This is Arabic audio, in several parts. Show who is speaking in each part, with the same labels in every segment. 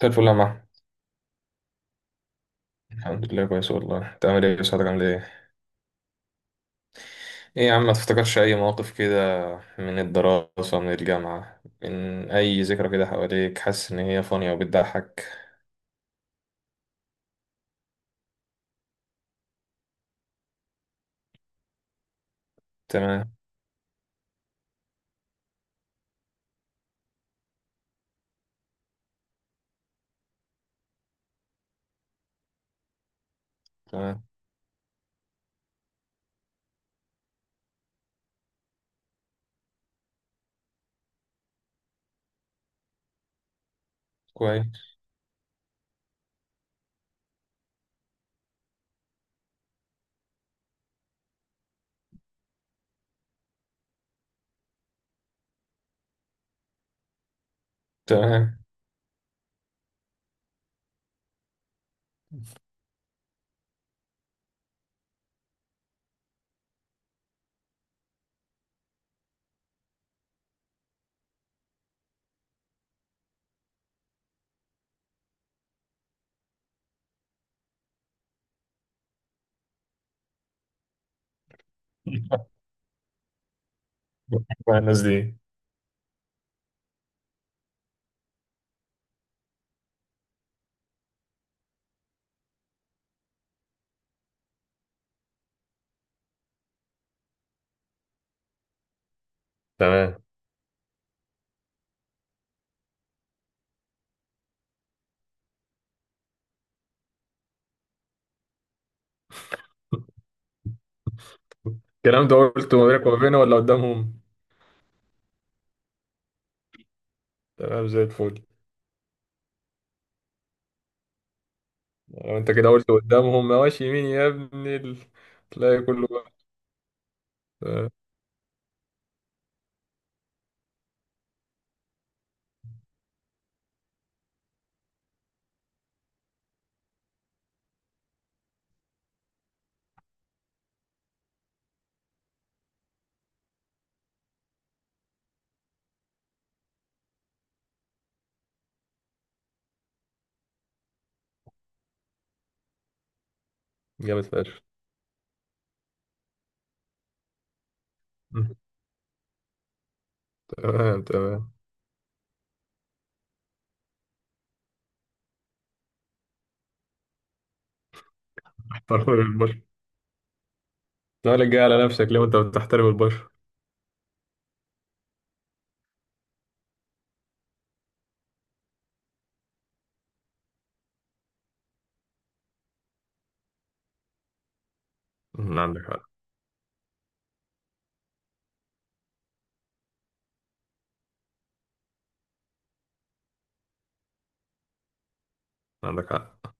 Speaker 1: مساء الفل يا محمد. الحمد لله كويس والله. انت عامل ايه؟ صحتك عامل ايه؟ ايه يا عم، ما تفتكرش اي مواقف كده من الدراسة، من الجامعة، من اي ذكرى كده حواليك؟ حاسس ان هي فانية وبتضحك. تمام. تمام. كويس. تمام. مع الناس دي. تمام. الكلام ده قلته ما بينك وما بينه ولا قدامهم؟ تمام زي الفل. لو انت كده قلت قدامهم ماشي يمين يا ابني تلاقي كله بقى. تمام. جامد فشخ. تمام. تمام. لا لا، جاي على نفسك ليه وانت بتحترم البشر؟ عندك حق. عندك حق.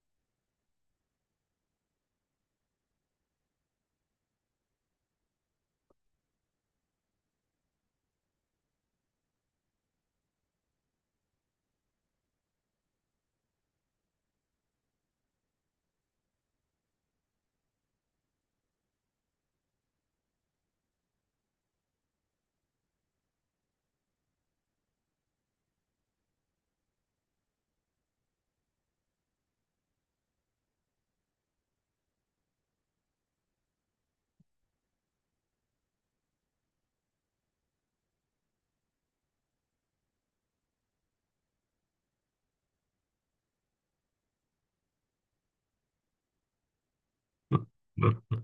Speaker 1: مم.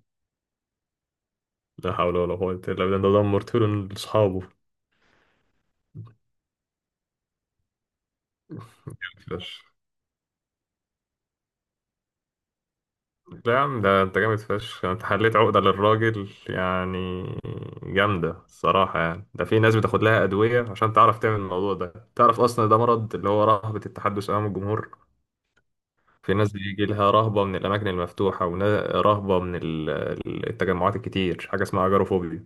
Speaker 1: لا حول ولا قوة إلا بالله، ده دمرت له لأصحابه. فشخ. لا يا عم، ده أنت جامد فشخ، أنت حليت عقدة للراجل يعني. جامدة الصراحة يعني. ده في ناس بتاخد لها أدوية عشان تعرف تعمل الموضوع ده، تعرف أصلا ده مرض اللي هو رهبة التحدث أمام الجمهور. في ناس بيجي لها رهبة من الأماكن المفتوحة ورهبة من التجمعات الكتير، حاجة اسمها أجاروفوبيا.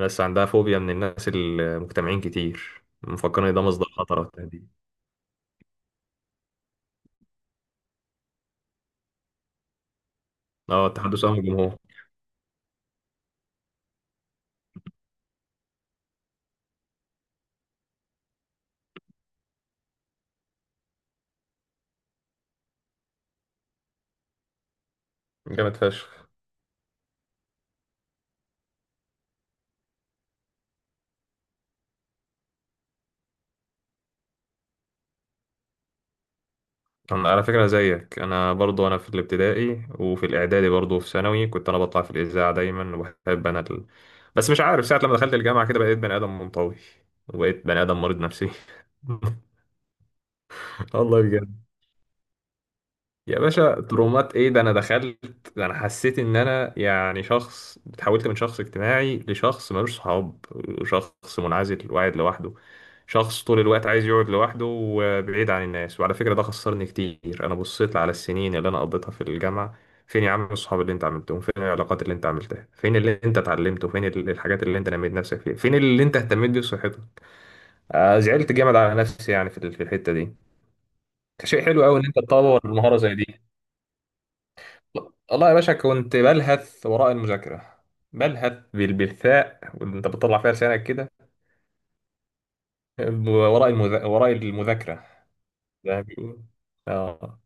Speaker 1: ناس عندها فوبيا من الناس المجتمعين كتير، مفكرين ان ده مصدر خطر والتهديد. اه، التحدث امام الجمهور. جامد فشخ. انا على فكره زيك، انا برضو انا في الابتدائي وفي الاعدادي، برضو في ثانوي كنت انا بطلع في الاذاعه دايما وبحب انا بس مش عارف ساعه لما دخلت الجامعه كده بقيت بني ادم منطوي، وبقيت بني ادم مريض نفسي. والله بجد. يا باشا ترومات ايه؟ ده انا دخلت، ده انا حسيت ان انا يعني شخص اتحولت من شخص اجتماعي لشخص ملوش صحاب، شخص منعزل وقاعد لوحده، شخص طول الوقت عايز يقعد لوحده وبعيد عن الناس. وعلى فكرة ده خسرني كتير. انا بصيت على السنين اللي انا قضيتها في الجامعة، فين يا عم الصحاب اللي انت عملتهم؟ فين العلاقات اللي انت عملتها؟ فين اللي انت اتعلمته؟ فين الحاجات اللي انت نميت نفسك فيها؟ فين اللي انت اهتميت بيه بصحتك؟ زعلت جامد على نفسي يعني في في الحتة دي. شيء حلو قوي ان انت تطور مهارة زي دي. والله يا باشا كنت بلهث وراء المذاكرة، بلهث بالثاء وانت بتطلع فيها لسانك كده، وراء المذاكرة، زي ما بيقولوا. اه.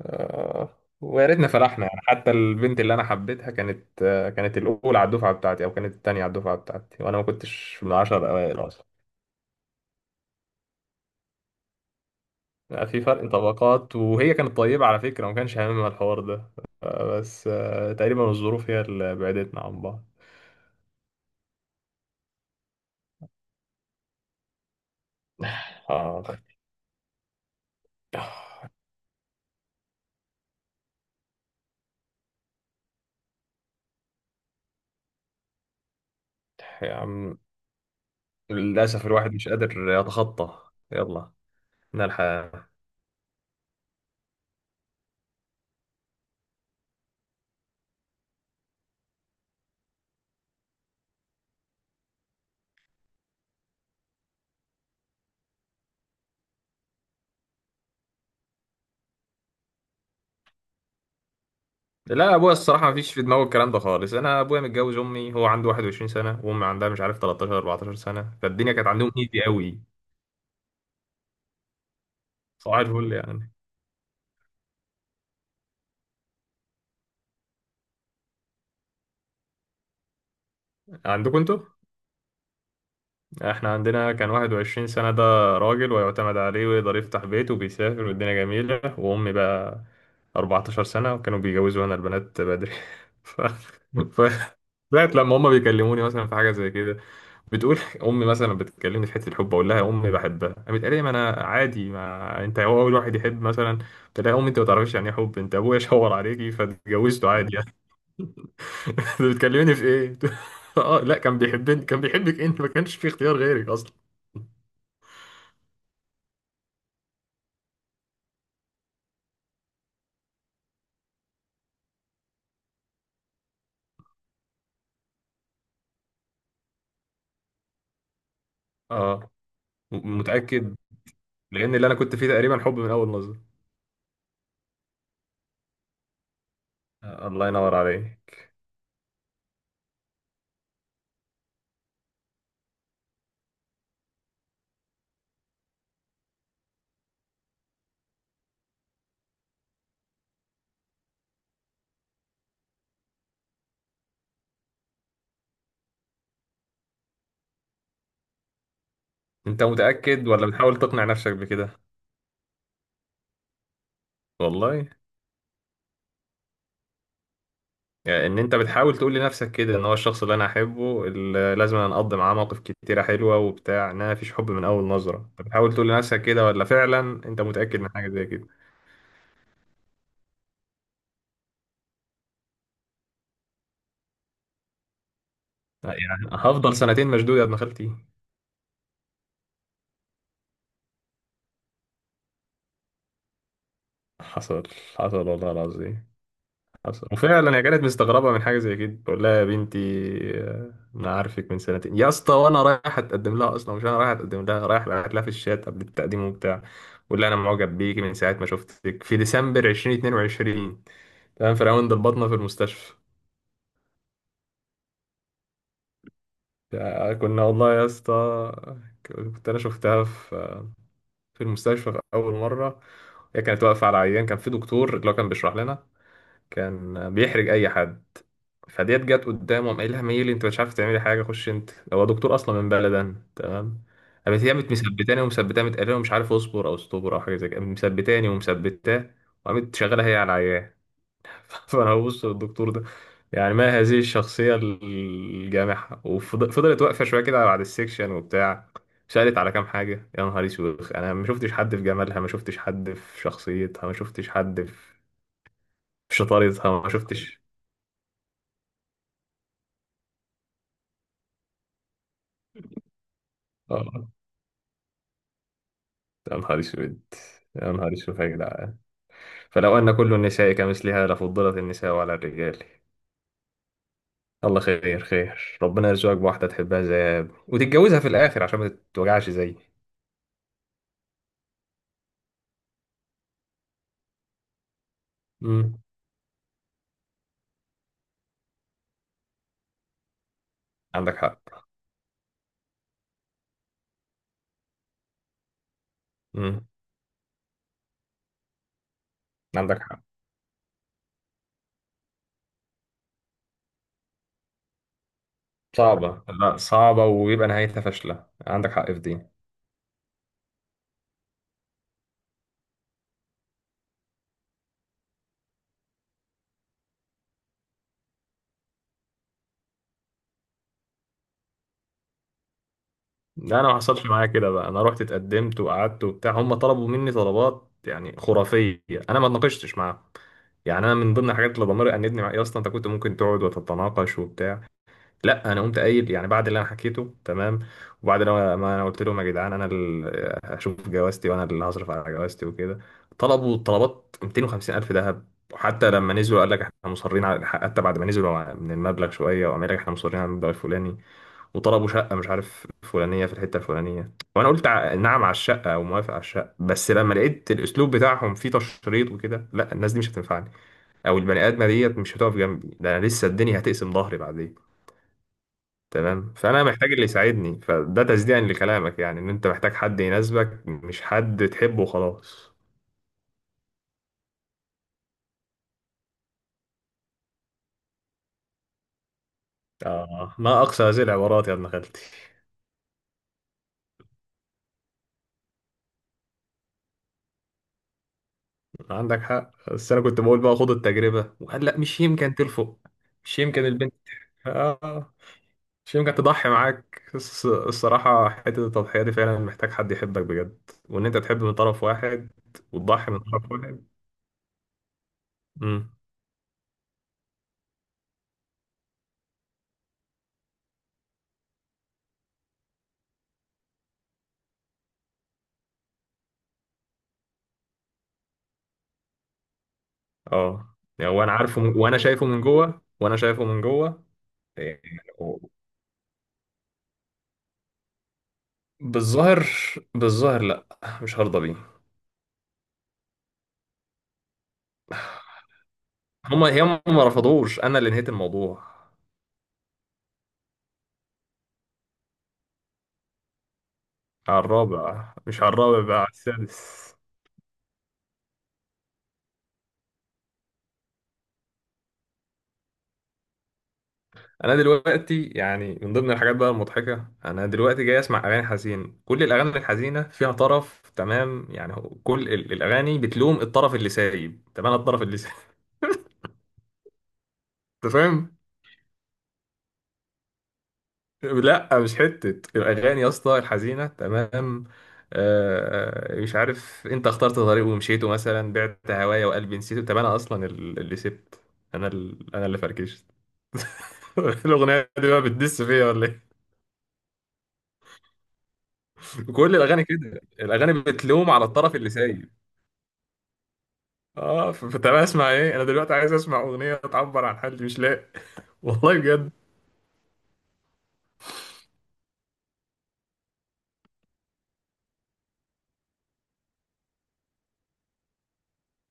Speaker 1: ويا ريتنا فرحنا يعني. حتى البنت اللي انا حبيتها كانت، كانت الاولى على الدفعه بتاعتي، او كانت الثانيه على الدفعه بتاعتي، وانا ما كنتش من العشر الاوائل اصلا. في فرق طبقات، وهي كانت طيبه على فكره وما كانش هاممها الحوار ده. آه، بس آه، تقريبا الظروف هي اللي بعدتنا عن بعض. آه. يا عم، للأسف الواحد مش قادر يتخطى. يلا نلحق. لا، أبويا الصراحة مفيش في دماغه الكلام ده خالص. أنا أبويا متجوز أمي هو عنده 21 سنة، وأمي عندها مش عارف 13 14 سنة، فالدنيا كانت عندهم إيزي قوي. صباح الفل يعني. عندكم أنتوا؟ إحنا عندنا كان 21 سنة ده راجل، ويعتمد عليه ويقدر يفتح بيت وبيسافر والدنيا جميلة. وأمي بقى 14 سنة، وكانوا بيجوزوا هنا البنات بدري. ف... ف... لغاية لما هما بيكلموني مثلا في حاجة زي كده، بتقول. امي مثلا بتكلمني في حته الحب، اقول لها يا امي بحبها، قامت قالت لي ما انا عادي، ما انت هو اول واحد يحب مثلا. قلت لها يا امي انت ما تعرفيش يعني ايه حب، انت ابويا شاور عليكي فاتجوزته عادي يعني. انت بتكلمني في ايه؟ اه لا، كان بيحبني. كان بيحبك، انت ما كانش في اختيار غيرك اصلا. اه، متاكد؟ لان اللي انا كنت فيه تقريبا حب من اول نظره. الله ينور عليك. انت متاكد ولا بتحاول تقنع نفسك بكده؟ والله. يعني ان انت بتحاول تقول لنفسك كده ان هو الشخص اللي انا احبه اللي لازم انا اقضي معاه مواقف كتيره حلوه وبتاع، ان انا مفيش حب من اول نظره، بتحاول تقول لنفسك كده ولا فعلا انت متاكد من حاجه زي كده؟ لا، يعني هفضل سنتين مشدود يا ابن خالتي؟ حصل. حصل والله العظيم. حصل، وفعلا هي كانت مستغربه من حاجه زي كده. بقول لها يا بنتي، انا عارفك من سنتين يا اسطى، وانا رايح اتقدم لها اصلا. مش انا رايح اتقدم لها، رايح بعت لها في الشات قبل التقديم وبتاع. بقول لها انا معجب بيكي من ساعه ما شفتك في ديسمبر 2022. تمام، في راوند البطنه في المستشفى. كنا والله يا اسطى، كنت انا شفتها في المستشفى في اول مره. هي كانت واقفه على عيان كان في دكتور اللي هو كان بيشرح لنا، كان بيحرج اي حد. فديت جت قدامه، قام قايلها ميلي، انت مش عارف تعملي حاجه، خش انت. هو دكتور اصلا من بلدن. تمام. قامت هي قامت مثبتاني ومثبتاني متقلقه ومش عارف اصبر او استبر او حاجه زي كده. قامت مثبتاني ومثبتاه، وقامت شغاله هي على العيان. فانا ببص للدكتور ده يعني، ما هذه الشخصيه الجامحه! وفضلت واقفه شويه كده بعد السكشن وبتاع. سألت على كام حاجة، يا نهار اسود، انا ما شفتش حد في جمالها، ما شفتش حد في شخصيتها، ما شفتش حد في شطارتها، ما شفتش. اه. يا نهار اسود، يا نهار اسود يا جدعان، فلو ان كل النساء كمثلها لفضلت النساء على الرجال. الله خير خير، ربنا يرزقك بواحده تحبها زي يا ابني وتتجوزها في الاخر عشان ما تتوجعش زيي. امم. عندك حق. امم. عندك حق. صعبه، لا صعبه ويبقى نهايتها فاشله، عندك حق في دي. لا، انا ما حصلش معايا كده بقى. انا رحت اتقدمت وقعدت وبتاع، هم طلبوا مني طلبات يعني خرافيه. انا ما اتناقشتش معاهم يعني. انا من ضمن الحاجات اللي ضميري انبني مع، يا اسطى انت كنت ممكن تقعد وتتناقش وبتاع، لا انا قمت قايل يعني بعد اللي انا حكيته. تمام. وبعد ما انا قلت لهم يا جدعان انا اللي هشوف جوازتي وانا اللي هصرف على جوازتي وكده، طلبوا طلبات 250 الف ذهب. وحتى لما نزلوا قال لك احنا مصرين على، حتى بعد ما نزلوا من المبلغ شويه وقام قال لك احنا مصرين على المبلغ الفلاني. وطلبوا شقه مش عارف فلانيه في الحته الفلانيه، وانا قلت نعم على الشقه وموافق على الشقه. بس لما لقيت الاسلوب بتاعهم فيه تشريط وكده، لا، الناس دي مش هتنفعني، او البني ادمه ديت مش هتقف جنبي، ده انا لسه الدنيا هتقسم ظهري بعدين. تمام. فانا محتاج اللي يساعدني، فده تصديقا لكلامك يعني ان انت محتاج حد يناسبك، مش حد تحبه وخلاص. آه ما اقصى هذه العبارات يا ابن خالتي. عندك حق. بس انا كنت بقول بقى خد التجربة، وقال لا مش يمكن تلفق، مش يمكن البنت، آه، مش يمكن تضحي معاك. الصراحة حتة التضحية دي فعلا محتاج حد يحبك بجد، وان انت تحب من طرف واحد وتضحي من طرف واحد. امم. اه يعني وانا عارفه وانا شايفه من جوه، وانا شايفه من جوه. بالظاهر. بالظاهر لا، مش هرضى بيه. هم ما رفضوش، انا اللي نهيت الموضوع. على الرابع، مش على الرابع بقى، على السادس. انا دلوقتي يعني من ضمن الحاجات بقى المضحكه، انا دلوقتي جاي اسمع اغاني حزين. كل الاغاني الحزينه فيها طرف، تمام يعني، كل الاغاني بتلوم الطرف اللي سايب، تمام. الطرف اللي سايب. انت فاهم. لا مش حتة الأغاني يا اسطى الحزينة. تمام. مش عارف، أنت اخترت طريق ومشيته مثلا، بعت هوايا وقلبي نسيته. طب أنا أصلا اللي سبت. أنا اللي فركشت. الأغنية دي بقى بتدس فيا ولا إيه؟ كل الأغاني كده، الأغاني بتلوم على الطرف اللي سايب. اه، فطب اسمع ايه؟ انا دلوقتي عايز اسمع اغنيه تعبر عن حالي مش لاقي. والله بجد.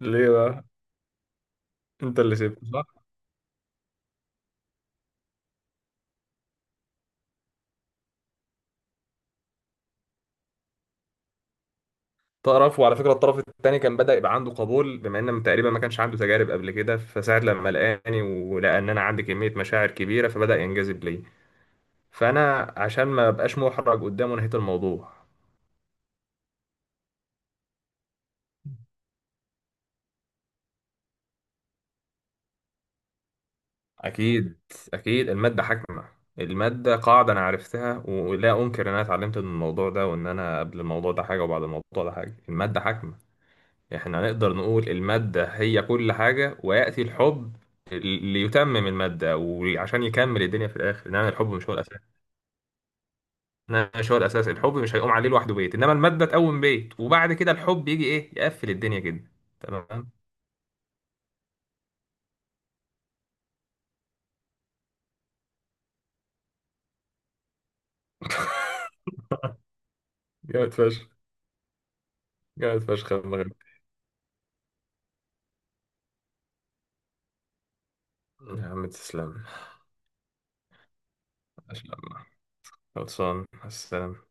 Speaker 1: ليه بقى؟ انت اللي سبت. طرف، وعلى فكره الطرف الثاني كان بدأ يبقى عنده قبول، بما ان تقريبا ما كانش عنده تجارب قبل كده، فساعة لما لقاني ولقى ان انا عندي كميه مشاعر كبيره فبدأ ينجذب لي. فانا عشان ما ابقاش محرج قدامه نهيت الموضوع. اكيد. اكيد الماده حاكمه. الماده قاعده انا عرفتها، ولا انكر ان انا اتعلمت من الموضوع ده، وان انا قبل الموضوع ده حاجه وبعد الموضوع ده حاجه. الماده حاكمه. احنا نقدر نقول الماده هي كل حاجه، ويأتي الحب ليتمم المادة وعشان يكمل الدنيا في الآخر، إنما الحب مش هو الأساس. ماشي هو الاساس، الحب مش هيقوم عليه لوحده بيت، انما الماده تقوم بيت وبعد كده الحب يجي ايه يقفل الدنيا كده. تمام. جامد فشخ. جامد فشخ يا ابن غالي. يا عم تسلم. ما شاء الله. خلصان السلام.